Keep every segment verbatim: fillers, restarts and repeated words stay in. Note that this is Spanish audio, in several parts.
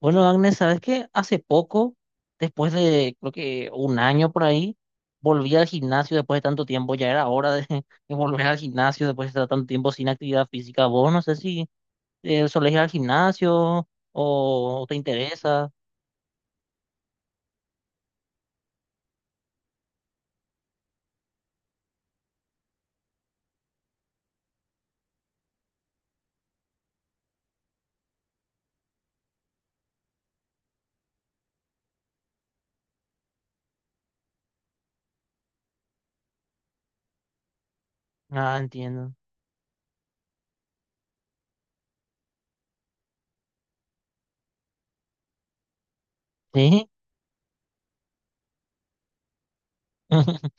Bueno, Agnes, ¿sabes qué? Hace poco, después de creo que un año por ahí, volví al gimnasio después de tanto tiempo. Ya era hora de, de volver al gimnasio después de estar tanto tiempo sin actividad física. Vos no sé si eh, solés ir al gimnasio o te interesa. Ah, entiendo. ¿Sí?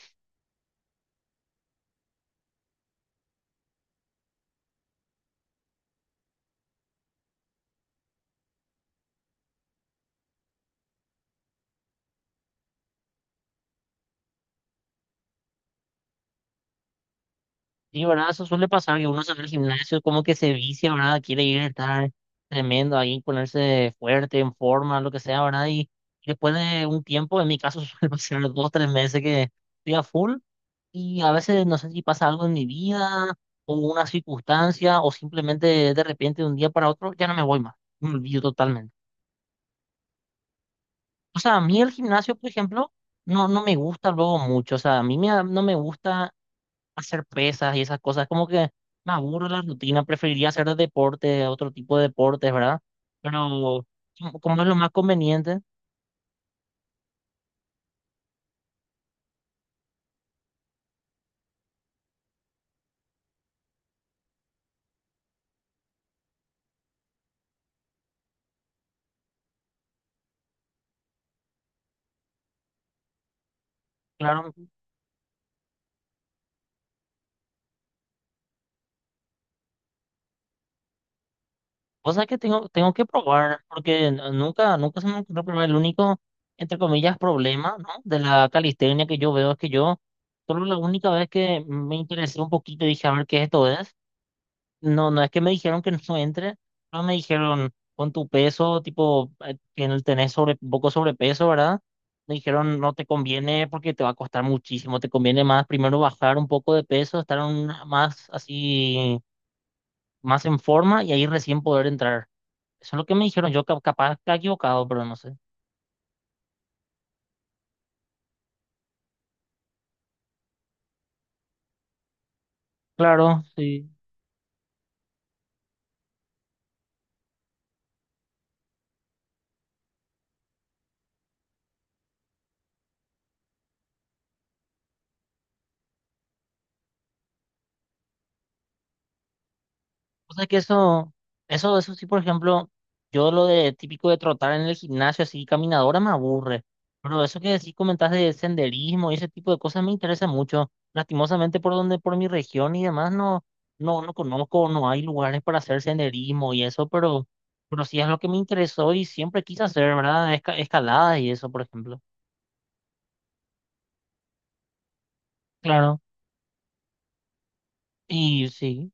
Sí, ¿verdad? Eso suele pasar que uno se va al gimnasio como que se vicia, ¿verdad? Quiere ir a estar tremendo ahí, ponerse fuerte, en forma, lo que sea, ¿verdad? Y después de un tiempo, en mi caso, suele pasar dos, tres meses que estoy a full, y a veces no sé si pasa algo en mi vida o una circunstancia o simplemente de repente de un día para otro ya no me voy más, me olvido totalmente. O sea, a mí el gimnasio, por ejemplo, no, no me gusta luego mucho, o sea, a mí me, no me gusta hacer pesas y esas cosas. Como que me aburro la rutina, preferiría hacer deporte, otro tipo de deportes, ¿verdad? Pero como como es lo más conveniente, claro, cosas que tengo, tengo que probar, porque n- nunca, nunca se me ocurrió probar. El único, entre comillas, problema, ¿no? De la calistenia que yo veo es que yo, solo la única vez que me interesé un poquito y dije, a ver qué esto es. No, no es que me dijeron que no entre, no me dijeron con tu peso, tipo, eh, que en tenés sobre, poco sobrepeso, ¿verdad? Me dijeron no te conviene porque te va a costar muchísimo, te conviene más primero bajar un poco de peso, estar un- más así, más en forma y ahí recién poder entrar. Eso es lo que me dijeron, yo cap- capaz está equivocado, pero no sé. Claro, sí. O sea que eso, eso, eso sí, por ejemplo, yo lo de típico de trotar en el gimnasio, así caminadora, me aburre. Pero eso que sí comentas de senderismo y ese tipo de cosas me interesa mucho. Lastimosamente por donde, por mi región y demás, no, no, no conozco, no hay lugares para hacer senderismo y eso, pero, pero sí es lo que me interesó y siempre quise hacer, ¿verdad? Esca- escaladas y eso, por ejemplo. Claro. Y sí,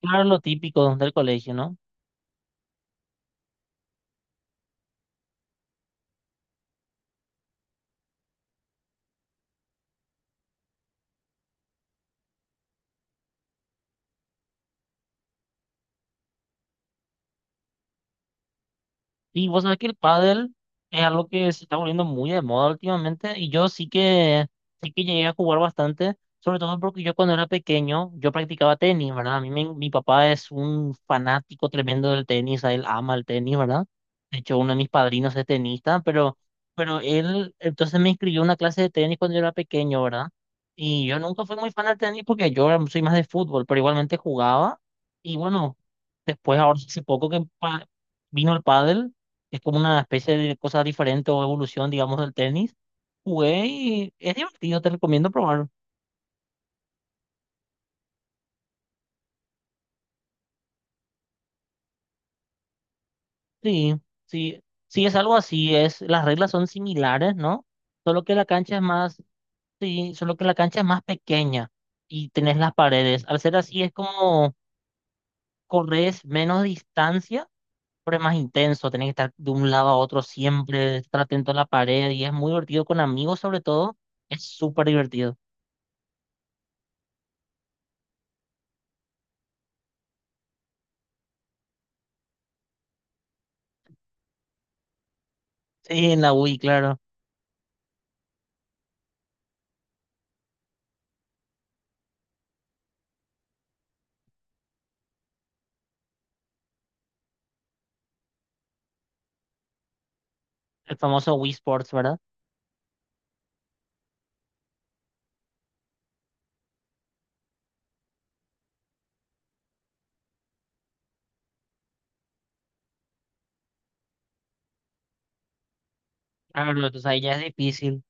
claro, lo típico del colegio, ¿no? Y vos sabés que el pádel es algo que se está volviendo muy de moda últimamente y yo sí que, sí que llegué a jugar bastante, sobre todo porque yo cuando era pequeño yo practicaba tenis, ¿verdad? A mí me- mi papá es un fanático tremendo del tenis, a él ama el tenis, ¿verdad? De hecho, uno de mis padrinos es tenista, pero, pero él entonces me inscribió a una clase de tenis cuando yo era pequeño, ¿verdad? Y yo nunca fui muy fan del tenis porque yo era- soy más de fútbol, pero igualmente jugaba y bueno, después ahora hace poco que pa- vino el pádel, es como una especie de cosa diferente o evolución, digamos, del tenis. Jugué y es divertido, te recomiendo probar. Sí, sí, sí, es algo así, es, las reglas son similares, ¿no? Solo que la cancha es más, sí, solo que la cancha es más pequeña y tenés las paredes. Al ser así es como corres menos distancia, pero es más intenso, tenés que estar de un lado a otro siempre, estar atento a la pared y es muy divertido con amigos sobre todo, es súper divertido. Sí, en la Wii, claro, el famoso Wii Sports, ¿verdad? Claro, entonces ahí ya es difícil.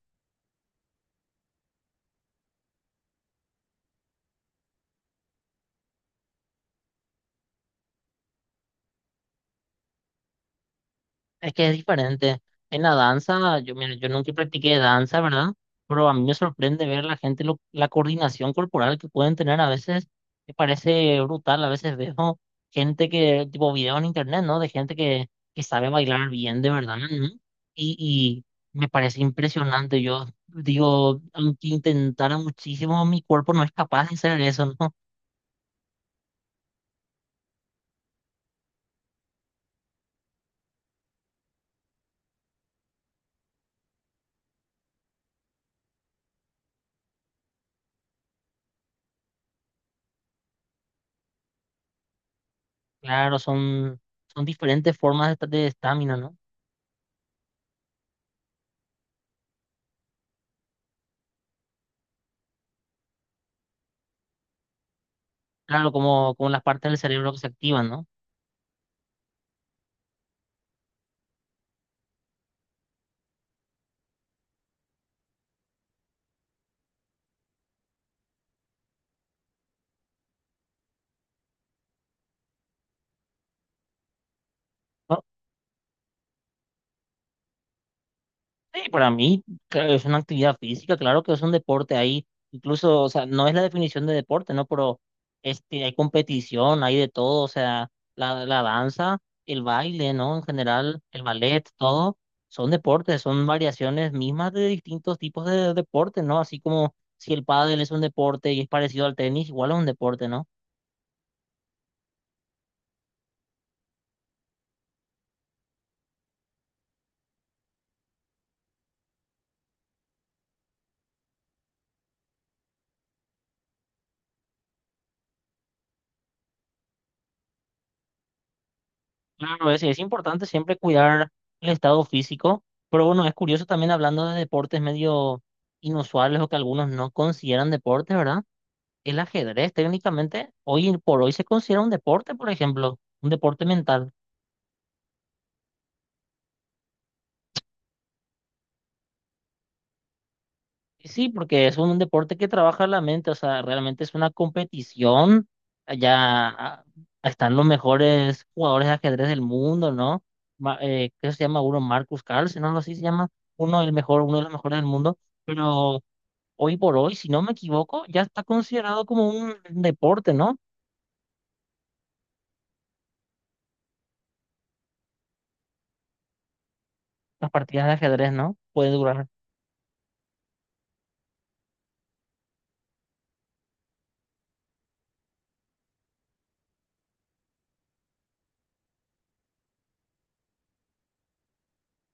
Es que es diferente. En la danza, yo, mira, yo nunca practiqué danza, ¿verdad? Pero a mí me sorprende ver la gente, lo- la coordinación corporal que pueden tener a veces. Me parece brutal. A veces veo gente que, tipo videos en internet, ¿no? De gente que, que sabe bailar bien, de verdad, ¿no? Y, y me parece impresionante. Yo digo, aunque intentara muchísimo, mi cuerpo no es capaz de hacer eso, ¿no? Claro, son, son diferentes formas de de estamina, ¿no? Claro, como, como las partes del cerebro que se activan, ¿no? No, sí, para mí, claro, es una actividad física, claro que es un deporte ahí, incluso, o sea, no es la definición de deporte, ¿no? Pero este, hay competición, hay de todo, o sea, la, la danza, el baile, ¿no? En general, el ballet, todo, son deportes, son variaciones mismas de distintos tipos de deportes, ¿no? Así como si el pádel es un deporte y es parecido al tenis, igual es un deporte, ¿no? Claro, es, es importante siempre cuidar el estado físico, pero bueno, es curioso también hablando de deportes medio inusuales o que algunos no consideran deportes, ¿verdad? El ajedrez técnicamente hoy por hoy se considera un deporte, por ejemplo, un deporte mental. Y sí, porque es un deporte que trabaja la mente, o sea, realmente es una competición. Allá ah, están los mejores jugadores de ajedrez del mundo, ¿no? Ma- eh, ¿qué se llama uno? Marcus Carlsen, ¿no? Algo así se llama. Uno, el mejor, uno de los mejores del mundo. Pero hoy por hoy, si no me equivoco, ya está considerado como un deporte, ¿no? Las partidas de ajedrez, ¿no? Puede durar.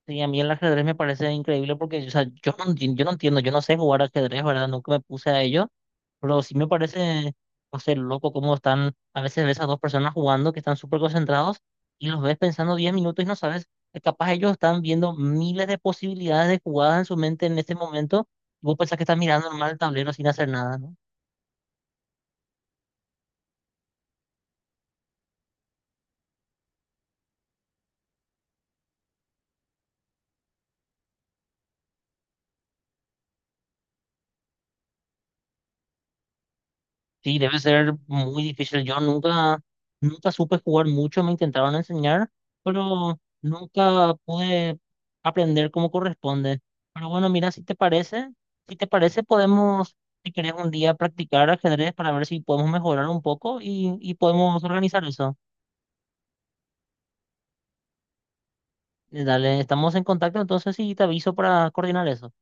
Sí, a mí el ajedrez me parece increíble porque, o sea, yo no, enti- yo no entiendo, yo no sé jugar ajedrez, ¿verdad? Nunca me puse a ello, pero sí me parece, no sé, loco cómo están, a veces ves a dos personas jugando que están súper concentrados y los ves pensando diez minutos y no sabes, eh, capaz ellos están viendo miles de posibilidades de jugadas en su mente en este momento y vos pensás que estás mirando normal el tablero sin hacer nada, ¿no? Sí, debe ser muy difícil. Yo nunca, nunca supe jugar mucho, me intentaron enseñar, pero nunca pude aprender como corresponde. Pero bueno, mira, si te parece, si te parece, podemos, si querés un día practicar ajedrez para ver si podemos mejorar un poco y, y podemos organizar eso. Eh, Dale, estamos en contacto entonces y te aviso para coordinar eso.